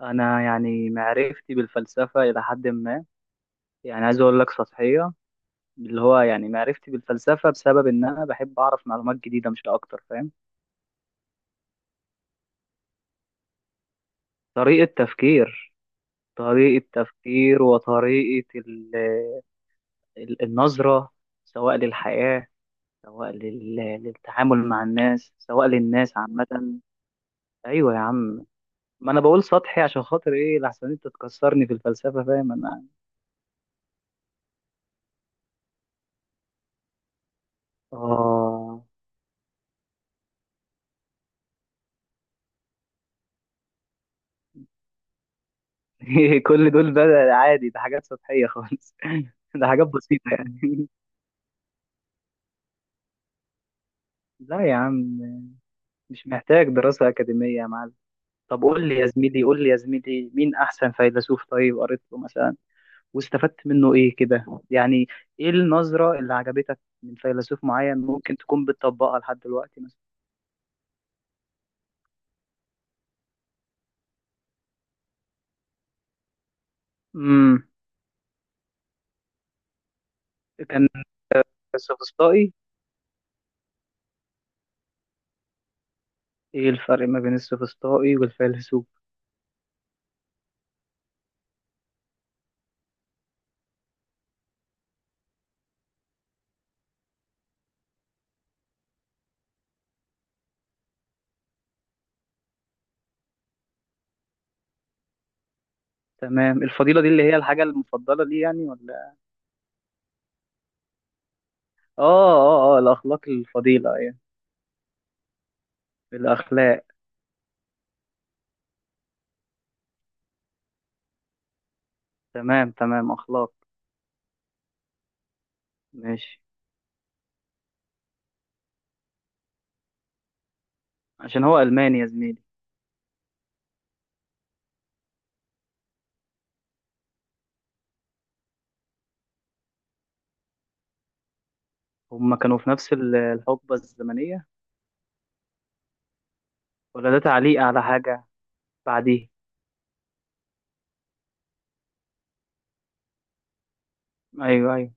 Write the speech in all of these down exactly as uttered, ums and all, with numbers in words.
انا يعني معرفتي بالفلسفه الى حد ما. يعني عايز اقول لك سطحيه. اللي هو يعني معرفتي بالفلسفه بسبب ان انا بحب اعرف معلومات جديده مش اكتر، فاهم؟ طريقه تفكير. طريقه تفكير وطريقه ال- ال- النظره، سواء للحياه، سواء لل- للتعامل مع الناس، سواء للناس عامه. ايوه يا عم. ما انا بقول سطحي عشان خاطر ايه؟ لحسن انت تكسرني في الفلسفه، فاهم انا؟ اه. كل دول بقى عادي؟ ده حاجات سطحية خالص ده حاجات بسيطة يعني لا يا عم، مش محتاج دراسة أكاديمية يا معلم. طب قول لي يا زميلي، قول لي يا زميلي، مين أحسن فيلسوف طيب قريت له مثلا واستفدت منه إيه كده؟ يعني إيه النظرة اللي عجبتك من فيلسوف معين ممكن تكون بتطبقها لحد دلوقتي مثلا؟ امم كان، السوفسطائي، إيه الفرق ما بين السوفسطائي والفيلسوف؟ تمام. الفضيلة دي اللي هي الحاجة المفضلة لي يعني ولا؟ اه اه، اه الأخلاق، الفضيلة يعني، الأخلاق. تمام تمام، أخلاق. ماشي. عشان هو ألماني يا زميلي؟ هما كانوا في نفس ال- الحقبة الزمنية، ولا ده تعليق على حاجة؟ بعديه. أيوه أيوه.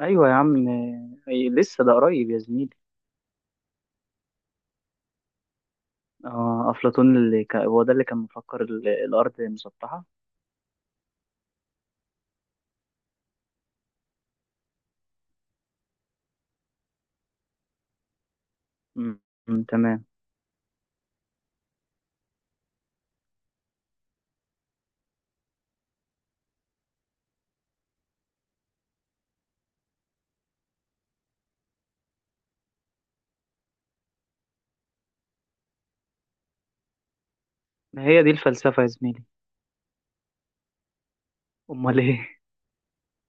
أيوه يا عم. أي لسه ده قريب يا زميلي. اه، أفلاطون اللي كان، هو ده اللي كان مفكر ال- الأرض مسطحة؟ أمم، أمم، تمام. هي دي الفلسفة يا زميلي؟ أمال إيه؟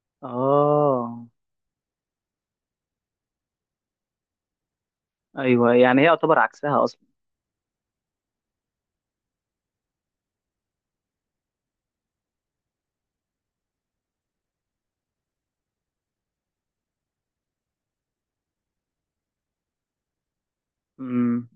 اه. أيوه، يعني هي يعتبر عكسها أصلا. أمم.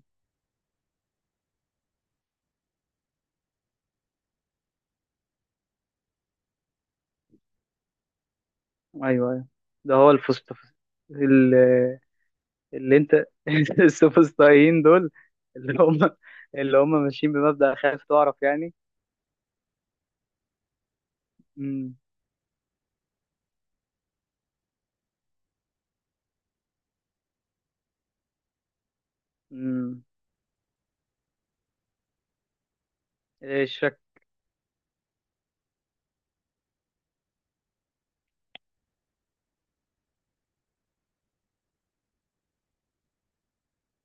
ايوه ايوه. ده هو الفسط، اللي, اللي انت، السوفسطائيين دول، اللي هم، اللي هم ماشيين بمبدأ خايف تعرف يعني. امم امم ايه الشك؟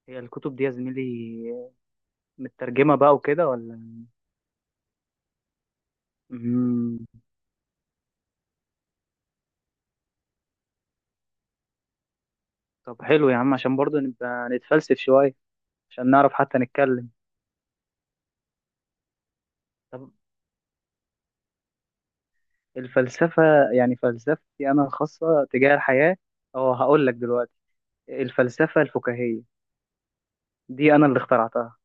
هي الكتب دي يا زميلي مترجمة بقى وكده ولا؟ امم طب حلو يا عم، عشان برضه نبقى نتفلسف شوية، عشان نعرف حتى نتكلم. طب الفلسفة، يعني فلسفتي انا الخاصة تجاه الحياة؟ اه، هقول لك دلوقتي. الفلسفة الفكاهية، دي انا اللي اخترعتها.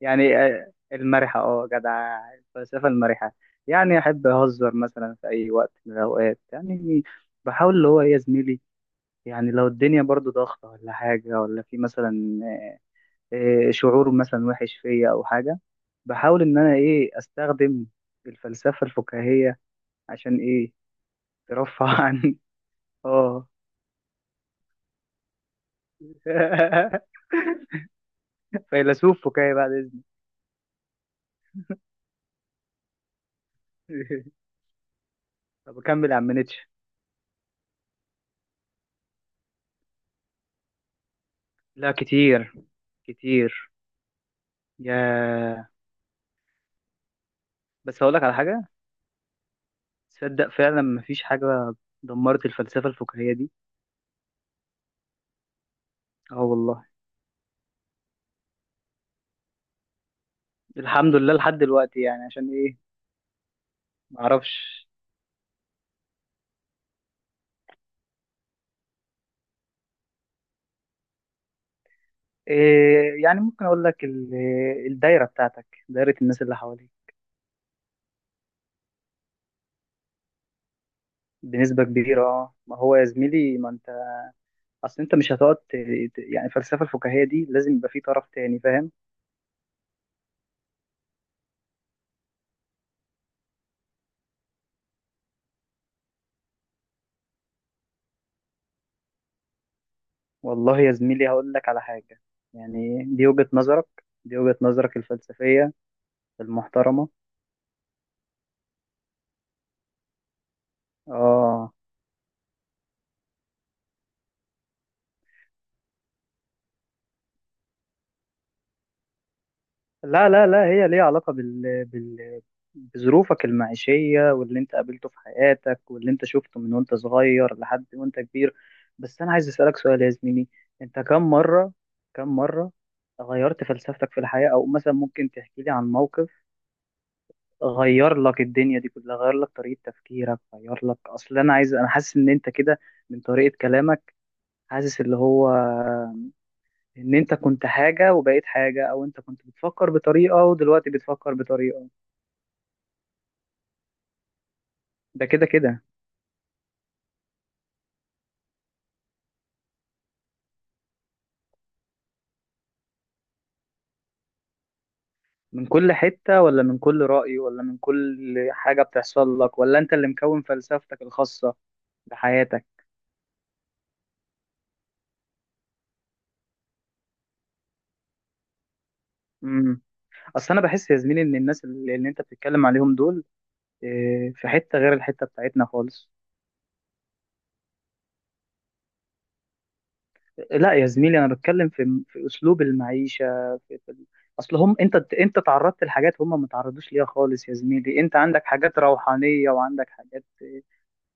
يعني آه، المرحة، اه جدع، الفلسفة المرحة. يعني أحب أهزر مثلا في أي وقت من الأوقات، يعني بحاول اللي هو إيه يا زميلي، يعني لو الدنيا برضو ضغطة ولا حاجة ولا في مثلا آه، شعور مثلا وحش فيا أو حاجة، بحاول إن أنا إيه أستخدم الفلسفة الفكاهية، عشان إيه، ترفع عني. اه. فيلسوف فكاهي بعد إذنك. طب أكمل يا عم نيتشه. لا كتير، كتير. يا بس هقول لك على حاجة، تصدق فعلا مفيش حاجة دمرت الفلسفة الفكاهية دي. اه والله. الحمد لله لحد دلوقتي يعني. عشان ايه؟ معرفش. إيه؟ يعني ممكن اقول لك ال- الدايرة بتاعتك، دايرة الناس اللي حواليك. بنسبة كبيرة اه. ما هو يا زميلي ما انت، اصل انت مش هتقعد ت- ت- يعني الفلسفة الفكاهية دي لازم يبقى في طرف تاني، فاهم؟ والله يا زميلي هقول لك على حاجة. يعني دي وجهة نظرك، دي وجهة نظرك الفلسفية المحترمة. اه. لا لا لا، هي ليها علاقة بال... بال... بظروفك المعيشية واللي انت قابلته في حياتك واللي انت شفته من وانت صغير لحد وانت كبير. بس انا عايز اسألك سؤال يا زميلي، انت كم مرة، كم مرة غيرت فلسفتك في الحياة؟ او مثلا ممكن تحكي لي عن موقف غير لك الدنيا دي كلها، غير لك طريقة تفكيرك، غير لك. اصل انا عايز، انا حاسس ان انت كده من طريقة كلامك، حاسس اللي هو ان انت كنت حاجة وبقيت حاجة، او انت كنت بتفكر بطريقة ودلوقتي بتفكر بطريقة. ده كده كده. من كل حتة ولا من كل رأي ولا من كل حاجة بتحصل لك ولا انت اللي مكون فلسفتك الخاصة بحياتك؟ امم. اصل انا بحس يا زميلي ان الناس اللي, اللي انت بتتكلم عليهم دول، إيه، في حتة غير الحتة بتاعتنا خالص. لا يا زميلي، انا بتكلم في في اسلوب المعيشة، في في ال- اصل هم، انت انت تعرضت لحاجات هم ما تعرضوش ليها خالص يا زميلي. انت عندك حاجات روحانية وعندك حاجات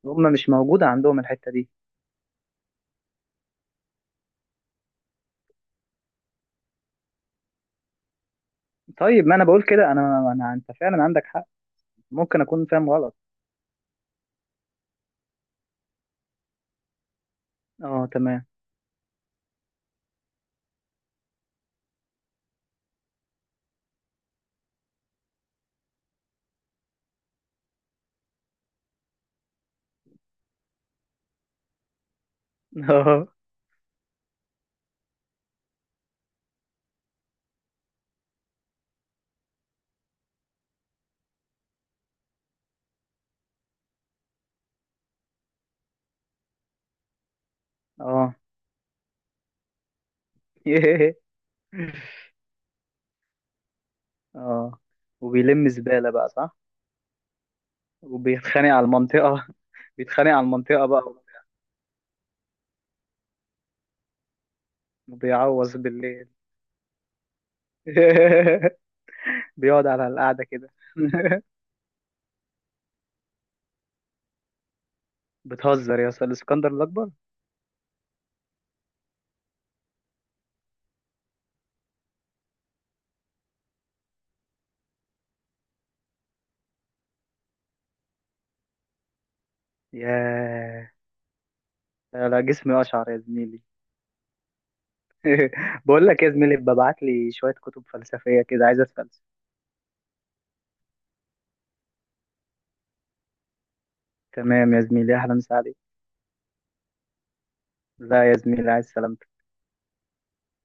هم مش موجودة عندهم، الحتة دي. طيب، ما انا بقول كده، انا انا، انت فعلا عندك حق، ممكن اكون فاهم غلط. اه تمام. اه. اه ياه. اه، وبيلم زبالة بقى، صح؟ وبيتخانق على المنطقة بيتخانق على المنطقة بقى. وبيعوز بالليل. بيقعد على القعدة كده. بتهزر يا اسطى، الاسكندر الاكبر. ياه. لا لا، جسمي اشعر يا زميلي. بقول لك يا زميلي، ببعت لي شوية كتب فلسفية كده، عايز اتفلسف. تمام يا زميلي، اهلا وسهلا عليك. لا يا زميلي، عايز سلامتك.